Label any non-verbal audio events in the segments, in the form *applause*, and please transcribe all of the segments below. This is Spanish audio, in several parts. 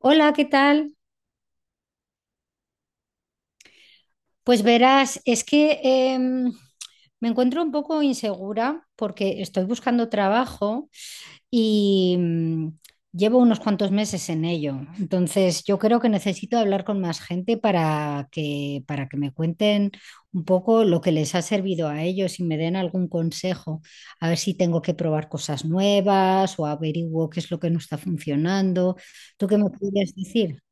Hola, ¿qué tal? Pues verás, es que me encuentro un poco insegura porque estoy buscando trabajo y llevo unos cuantos meses en ello. Entonces, yo creo que necesito hablar con más gente para que me cuenten un poco lo que les ha servido a ellos y me den algún consejo, a ver si tengo que probar cosas nuevas o averiguo qué es lo que no está funcionando. ¿Tú qué me podrías decir?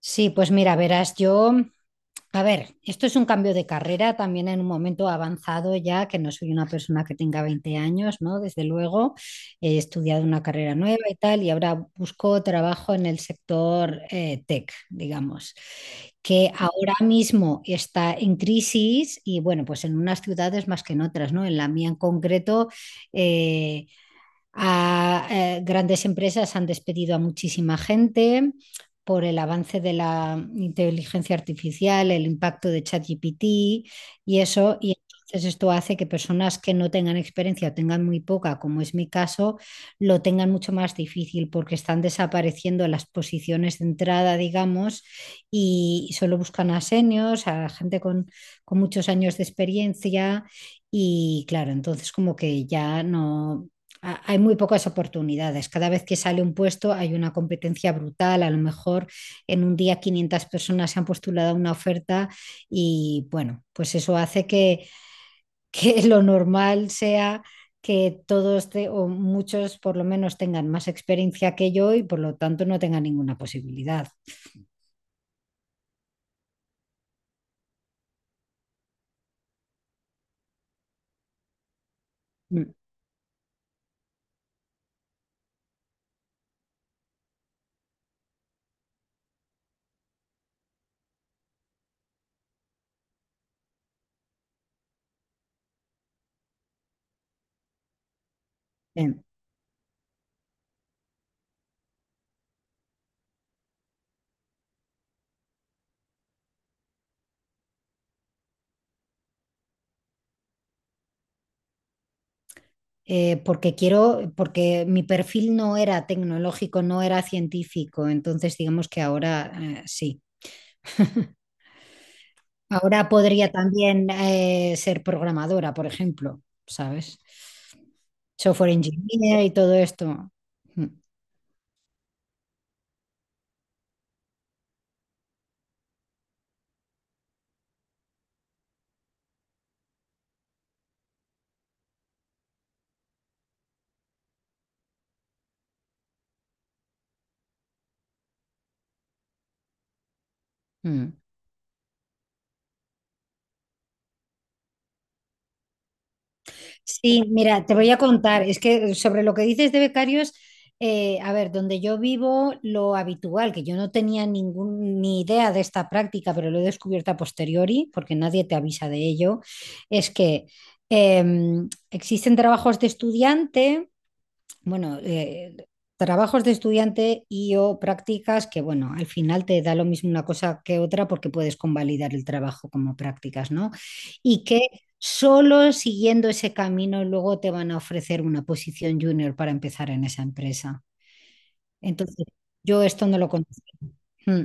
Sí, pues mira, verás, yo... A ver, esto es un cambio de carrera también en un momento avanzado ya, que no soy una persona que tenga 20 años, ¿no? Desde luego, he estudiado una carrera nueva y tal, y ahora busco trabajo en el sector tech, digamos, que ahora mismo está en crisis y bueno, pues en unas ciudades más que en otras, ¿no? En la mía en concreto, eh, grandes empresas han despedido a muchísima gente por el avance de la inteligencia artificial, el impacto de ChatGPT y eso. Y entonces esto hace que personas que no tengan experiencia o tengan muy poca, como es mi caso, lo tengan mucho más difícil porque están desapareciendo las posiciones de entrada, digamos, y solo buscan a seniors, a gente con muchos años de experiencia. Y claro, entonces como que ya no, hay muy pocas oportunidades. Cada vez que sale un puesto hay una competencia brutal. A lo mejor en un día 500 personas se han postulado a una oferta y bueno, pues eso hace que, *laughs* que lo normal sea que todos te, o muchos por lo menos tengan más experiencia que yo y por lo tanto no tengan ninguna posibilidad. Mm. Bien. Porque quiero, porque mi perfil no era tecnológico, no era científico, entonces digamos que ahora sí. Ahora podría también ser programadora, por ejemplo, ¿sabes? Software engineer y todo esto. Mm. Mm. Sí, mira, te voy a contar, es que sobre lo que dices de becarios, a ver, donde yo vivo, lo habitual, que yo no tenía ningún, ni idea de esta práctica, pero lo he descubierto a posteriori, porque nadie te avisa de ello, es que existen bueno, eh, trabajos de estudiante y o prácticas que, bueno, al final te da lo mismo una cosa que otra porque puedes convalidar el trabajo como prácticas, ¿no? Y que solo siguiendo ese camino luego te van a ofrecer una posición junior para empezar en esa empresa. Entonces, yo esto no lo conozco. Mm.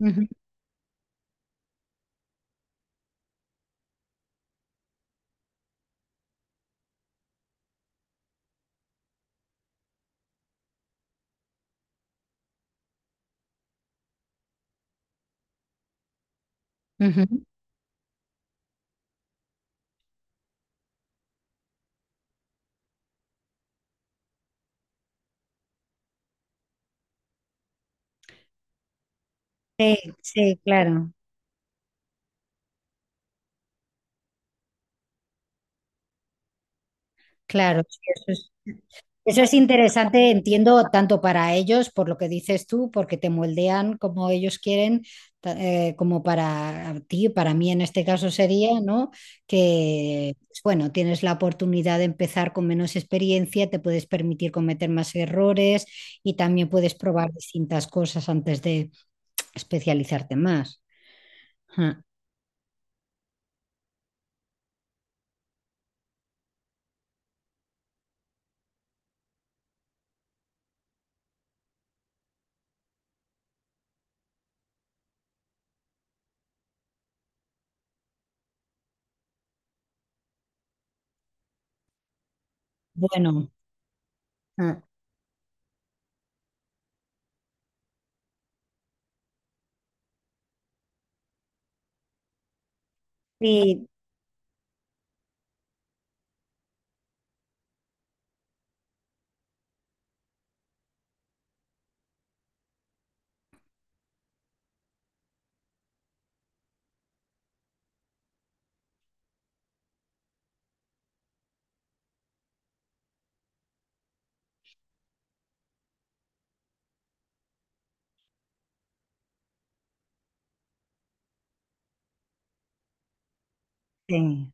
Ujú. Ujú. Sí, sí, claro. Claro, sí, eso es. Eso es interesante, entiendo, tanto para ellos, por lo que dices tú, porque te moldean como ellos quieren, como para ti, para mí en este caso sería, ¿no? Que, pues, bueno, tienes la oportunidad de empezar con menos experiencia, te puedes permitir cometer más errores y también puedes probar distintas cosas antes de especializarte más. Ajá. Bueno, ajá. Sí, sí.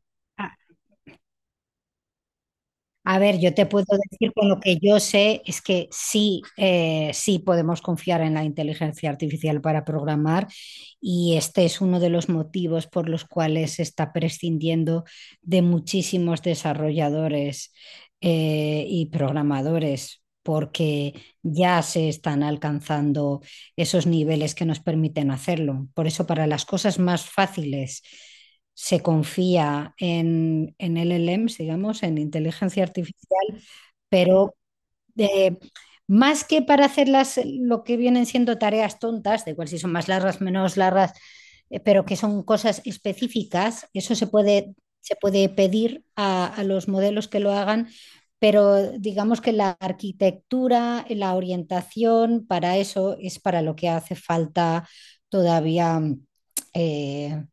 A ver, yo te puedo decir con lo que yo sé es que sí, sí podemos confiar en la inteligencia artificial para programar y este es uno de los motivos por los cuales se está prescindiendo de muchísimos desarrolladores y programadores porque ya se están alcanzando esos niveles que nos permiten hacerlo. Por eso, para las cosas más fáciles se confía en LLMs, digamos, en inteligencia artificial, pero de, más que para hacer las, lo que vienen siendo tareas tontas, de igual si son más largas, menos largas, pero que son cosas específicas, eso se puede pedir a los modelos que lo hagan, pero digamos que la arquitectura, la orientación, para eso es para lo que hace falta todavía eh,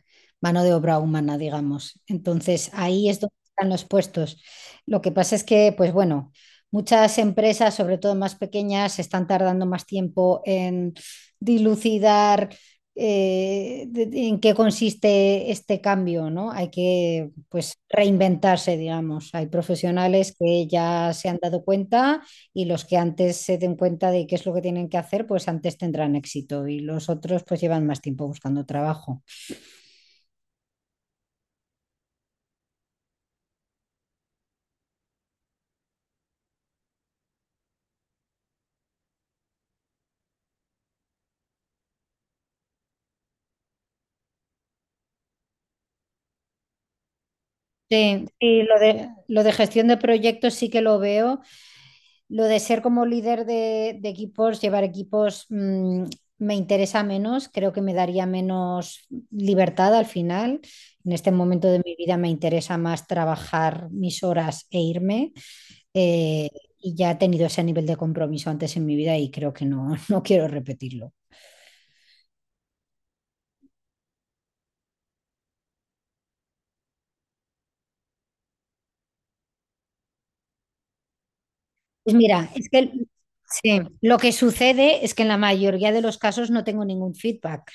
mano de obra humana, digamos. Entonces, ahí es donde están los puestos. Lo que pasa es que, pues bueno, muchas empresas, sobre todo más pequeñas, están tardando más tiempo en dilucidar en qué consiste este cambio, ¿no? Hay que, pues, reinventarse, digamos. Hay profesionales que ya se han dado cuenta y los que antes se den cuenta de qué es lo que tienen que hacer, pues antes tendrán éxito y los otros, pues, llevan más tiempo buscando trabajo. Sí, y lo de gestión de proyectos sí que lo veo lo de ser como líder de equipos, llevar equipos, me interesa menos, creo que me daría menos libertad al final. En este momento de mi vida me interesa más trabajar mis horas e irme. Eh, y ya he tenido ese nivel de compromiso antes en mi vida y creo que no, *laughs* no quiero repetirlo. Pues mira, es que sí, lo que sucede es que en la mayoría de los casos no tengo ningún feedback.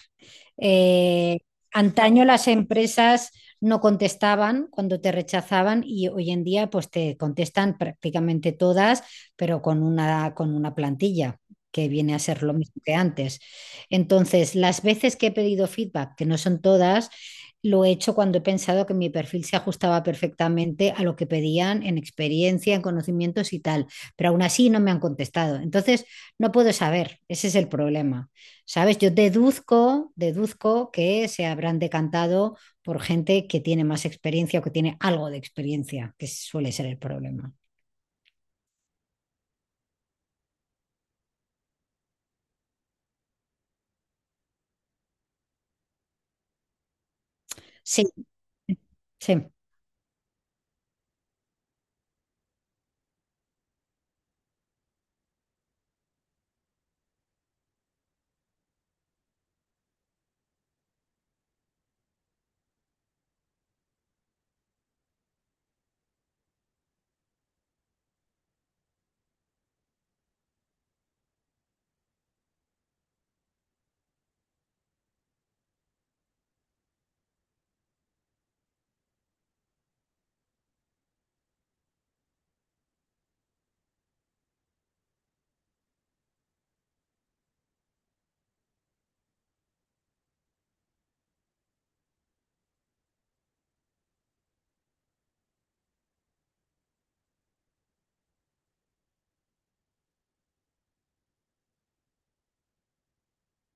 Eh, Antaño las empresas no contestaban cuando te rechazaban y hoy en día pues te contestan prácticamente todas, pero con una plantilla que viene a ser lo mismo que antes. Entonces, las veces que he pedido feedback, que no son todas, lo he hecho cuando he pensado que mi perfil se ajustaba perfectamente a lo que pedían en experiencia, en conocimientos y tal, pero aún así no me han contestado. Entonces, no puedo saber, ese es el problema. ¿Sabes? Yo deduzco, deduzco que se habrán decantado por gente que tiene más experiencia o que tiene algo de experiencia, que suele ser el problema. Sí, sí.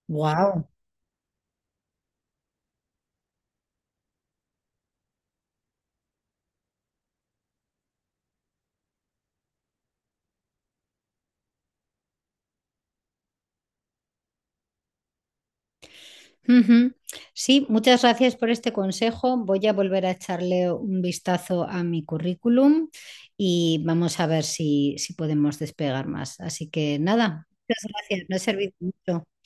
Wow. Ujú. Sí, muchas gracias por este consejo. Voy a volver a echarle un vistazo a mi currículum y vamos a ver si podemos despegar más. Así que nada, muchas gracias, me ha servido mucho.